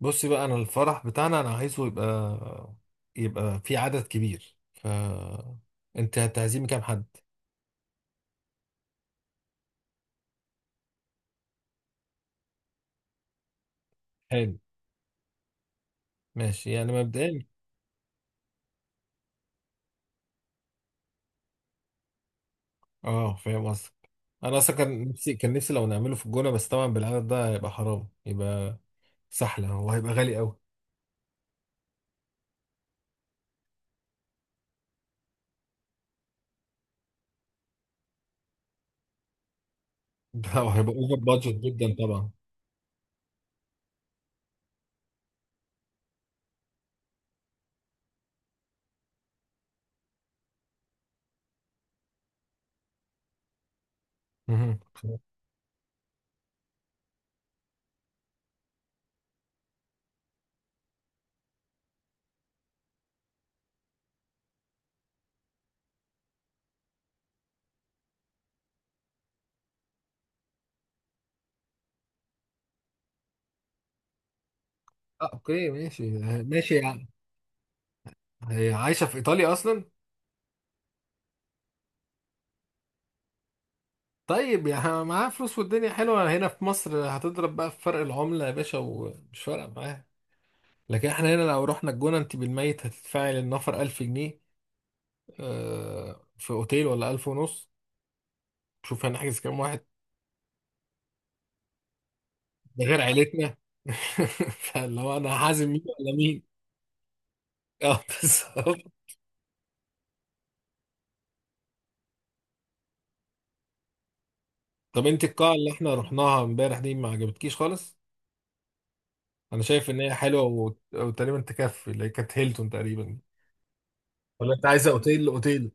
بصي بقى، انا الفرح بتاعنا انا عايزه يبقى في عدد كبير. انت هتعزمي كام حد؟ حلو، ماشي يعني مبدئيا. اه، فاهم قصدك. انا اصلا كان نفسي لو نعمله في الجونه، بس طبعا بالعدد ده هيبقى حرام، يبقى سحله وهيبقى غالي قوي. ده وهيبقى اوفر بادجت جدا طبعا. مهم. اه اوكي، ماشي. ماشي يعني. هي عايشه في ايطاليا اصلا؟ طيب، يعني معاها فلوس والدنيا حلوه، هنا في مصر هتضرب بقى في فرق العمله يا باشا ومش فارقه معاها. لكن احنا هنا لو رحنا الجونة انت بالميت هتدفعي للنفر 1000 جنيه، في اوتيل، ولا 1000 ونص. شوف هنحجز كام واحد، ده غير عيلتنا. فاللي هو انا هعزم مين ولا مين؟ اه، بالظبط. طب انت القاعة اللي احنا رحناها امبارح دي ما عجبتكيش خالص؟ انا شايف ان هي حلوة وتقريبا تكفي، اللي هي كانت هيلتون تقريبا. ولا انت عايزه اوتيل اوتيل؟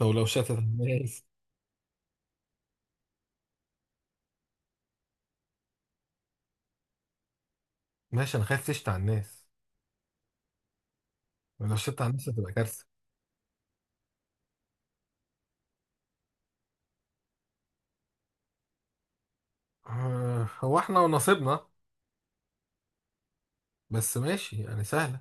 لو لو شتت على الناس. ماشي، انا خايف تشتي على الناس، لو شتت على الناس هتبقى كارثة. هو احنا ونصيبنا. بس ماشي يعني، سهلة.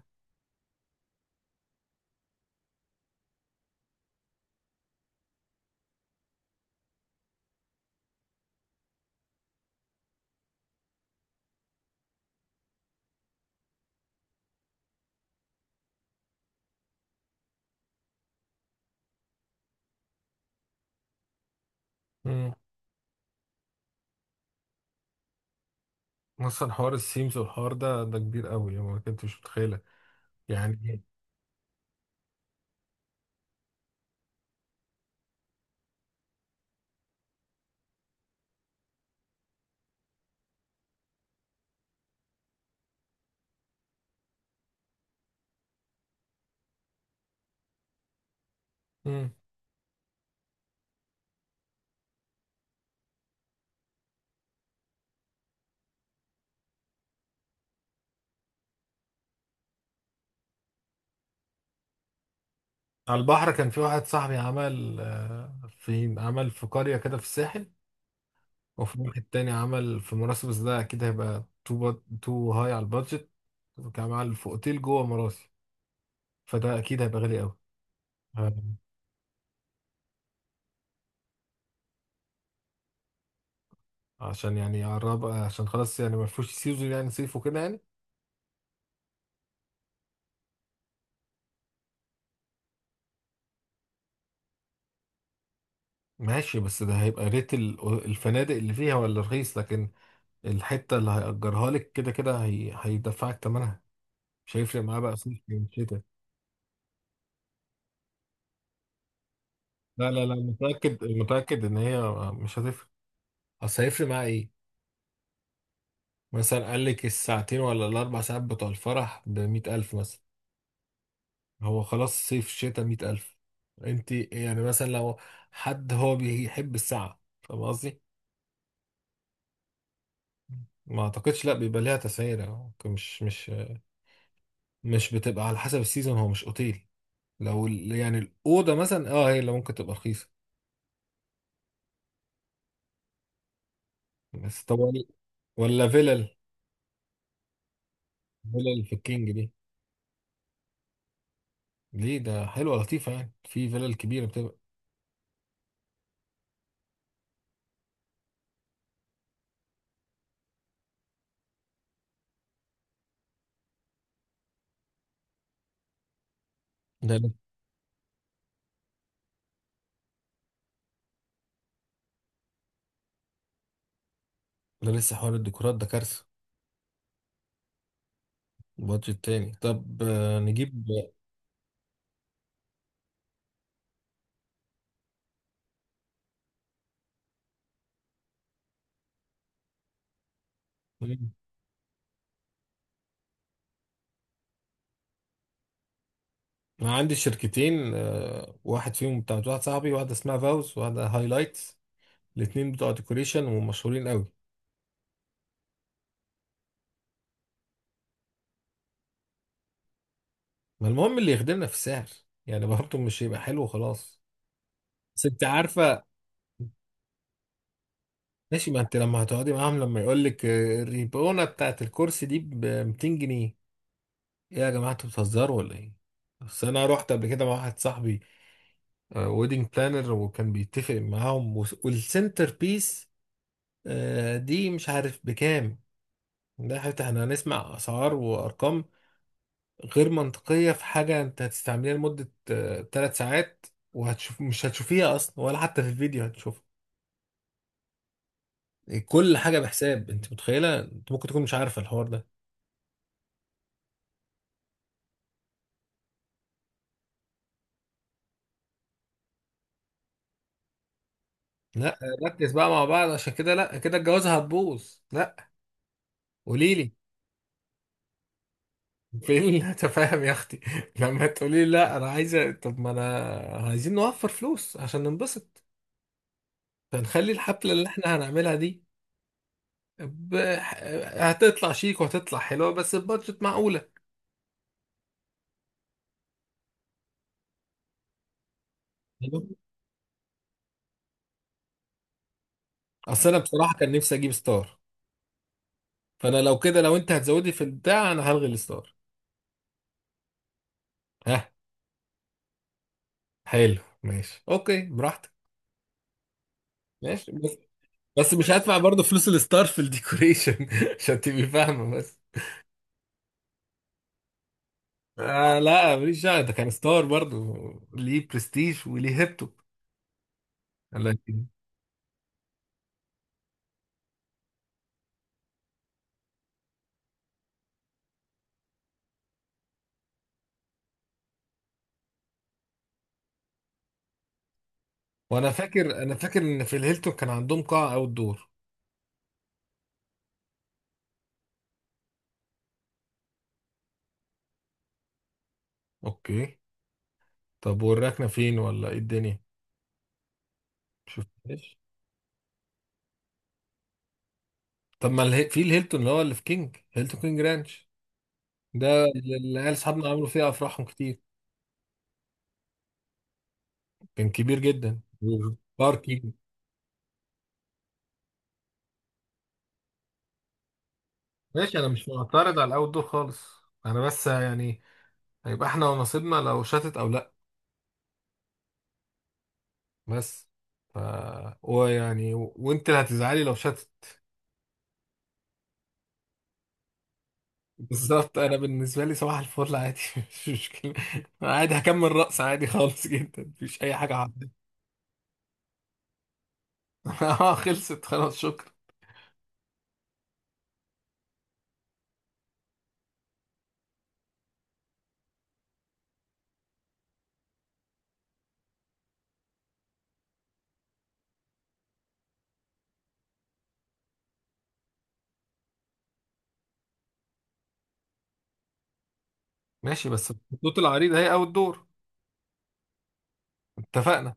مم. اصلا حوار السيمز والحوار ده كبير قوي، يعني ما كنتش متخيله يعني. مم. على البحر كان في واحد صاحبي عمل، في عمل في قريه كده في الساحل. وفي واحد تاني عمل في مراسي، بس ده اكيد هيبقى تو هاي على البادجت. كان عمل في اوتيل جوه مراسي، فده اكيد هيبقى غالي قوي. آه، عشان يعني يقرب، عشان خلاص يعني ما فيهوش سيزون، يعني صيف وكده يعني. ماشي، بس ده هيبقى ريت الفنادق اللي فيها ولا رخيص، لكن الحتة اللي هيأجرها لك كده كده هيدفعك تمنها. مش هيفرق معاه بقى صيف ولا شتاء. لا لا لا، متأكد متأكد إن هي مش هتفرق. أصل هيفرق معاه إيه؟ مثلا قال لك الساعتين ولا الأربع ساعات بتوع الفرح بمية ألف مثلا، هو خلاص صيف شتاء مية ألف. أنت يعني مثلا لو حد هو بيحب الساعة، فاهم قصدي؟ ما أعتقدش، لا بيبقى ليها تسعيرة ممكن، مش بتبقى على حسب السيزون، هو مش أوتيل. لو يعني الأوضة مثلا هي اللي ممكن تبقى رخيصة. بس طب ولا فيلل في الكينج دي؟ ليه، ده حلوة لطيفة يعني، في فيلل كبيرة بتبقى. ده ل- ده لسه حوار الديكورات ده كارثة. بادجت تاني، طب نجيب. مم. أنا عندي شركتين، واحد فيهم بتاع واحد صاحبي، واحدة اسمها فاوز وواحدة هايلايتس. الاتنين بتوع ديكوريشن ومشهورين قوي. ما المهم اللي يخدمنا في السعر، يعني برضه مش هيبقى حلو خلاص. بس انت عارفة، ماشي. ما انت لما هتقعدي معاهم لما يقول لك الريبونة بتاعت الكرسي دي ب 200 جنيه، ايه يا جماعة انتوا بتهزروا ولا ايه؟ بس انا رحت قبل كده مع واحد صاحبي ويدنج بلانر، وكان بيتفق معاهم والسنتر بيس، دي مش عارف بكام. ده حتى احنا هنسمع اسعار وارقام غير منطقية في حاجة انت هتستعمليها لمدة ثلاث ساعات، وهتشوف، مش هتشوفيها اصلا ولا حتى في الفيديو هتشوفها. إيه، كل حاجة بحساب، انت متخيلة انت ممكن تكون مش عارفة الحوار ده. لا، ركز بقى مع بعض، عشان كده لا، كده الجوازة هتبوظ، لا. قوليلي فين التفاهم يا اختي، لما تقولي لا انا عايزه؟ طب ما انا عايزين نوفر فلوس عشان ننبسط، فنخلي الحفله اللي احنا هنعملها دي ب... هتطلع شيك وهتطلع حلوه بس بادجت معقوله. اصل انا بصراحه كان نفسي اجيب ستار، فانا لو كده، لو انت هتزودي في البتاع انا هلغي الستار. ها. حلو، ماشي، اوكي براحتك. ماشي، بس مش هدفع برضه فلوس الستار في الديكوريشن، عشان تبقي فاهمه بس. لا، ماليش دعوه ده كان ستار برضو، ليه برستيج وليه هيبته، لكن وانا فاكر ان في الهيلتون كان عندهم قاعه اوت دور. اوكي. طب والركنه فين، ولا ايه الدنيا؟ شفتهاش. طب ما في الهيلتون اللي هو اللي في كينج، هيلتون كينج رانش، ده اللي قال اصحابنا عملوا فيها افراحهم كتير. كان كبير جدا. باركينج. ماشي، انا مش معترض على الاوت دور خالص، انا بس يعني هيبقى احنا ونصيبنا لو شتت او لا. بس ف وانت اللي هتزعلي لو شتت. بالظبط، انا بالنسبه لي صباح الفل عادي. مش مشكله، أنا عادي هكمل رقص عادي خالص جدا، مفيش اي حاجه عادي. اه، خلصت خلاص، شكرا. ماشي بس الخطوط العريضه هي اول دور. اتفقنا.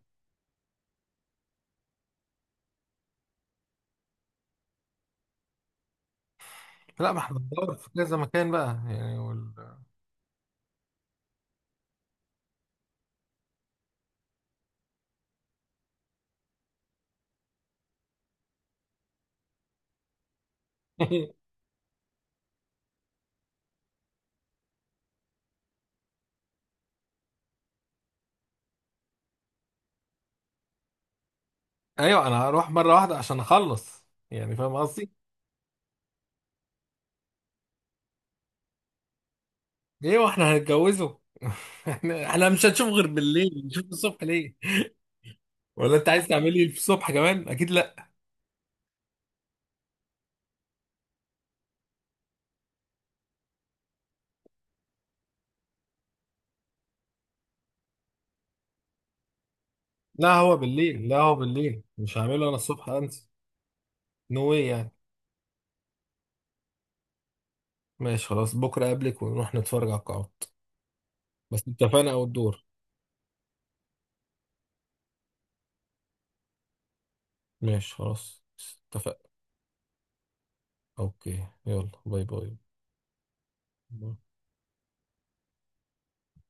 لا، ما احنا بندور في كذا مكان بقى، يعني ايوه انا هروح مره واحده عشان اخلص، يعني فاهم قصدي؟ ايه واحنا هنتجوزه؟ احنا مش هنشوف غير بالليل، نشوف الصبح ليه؟ ولا انت عايز تعملي في الصبح كمان؟ اكيد لا. لا هو بالليل، لا هو بالليل مش هعمله، انا الصبح انسى، نو واي يعني. ماشي خلاص، بكره قبلك ونروح نتفرج على القاعات. بس اتفقنا او الدور. ماشي خلاص، اتفقنا. اوكي. يلا، باي. باي.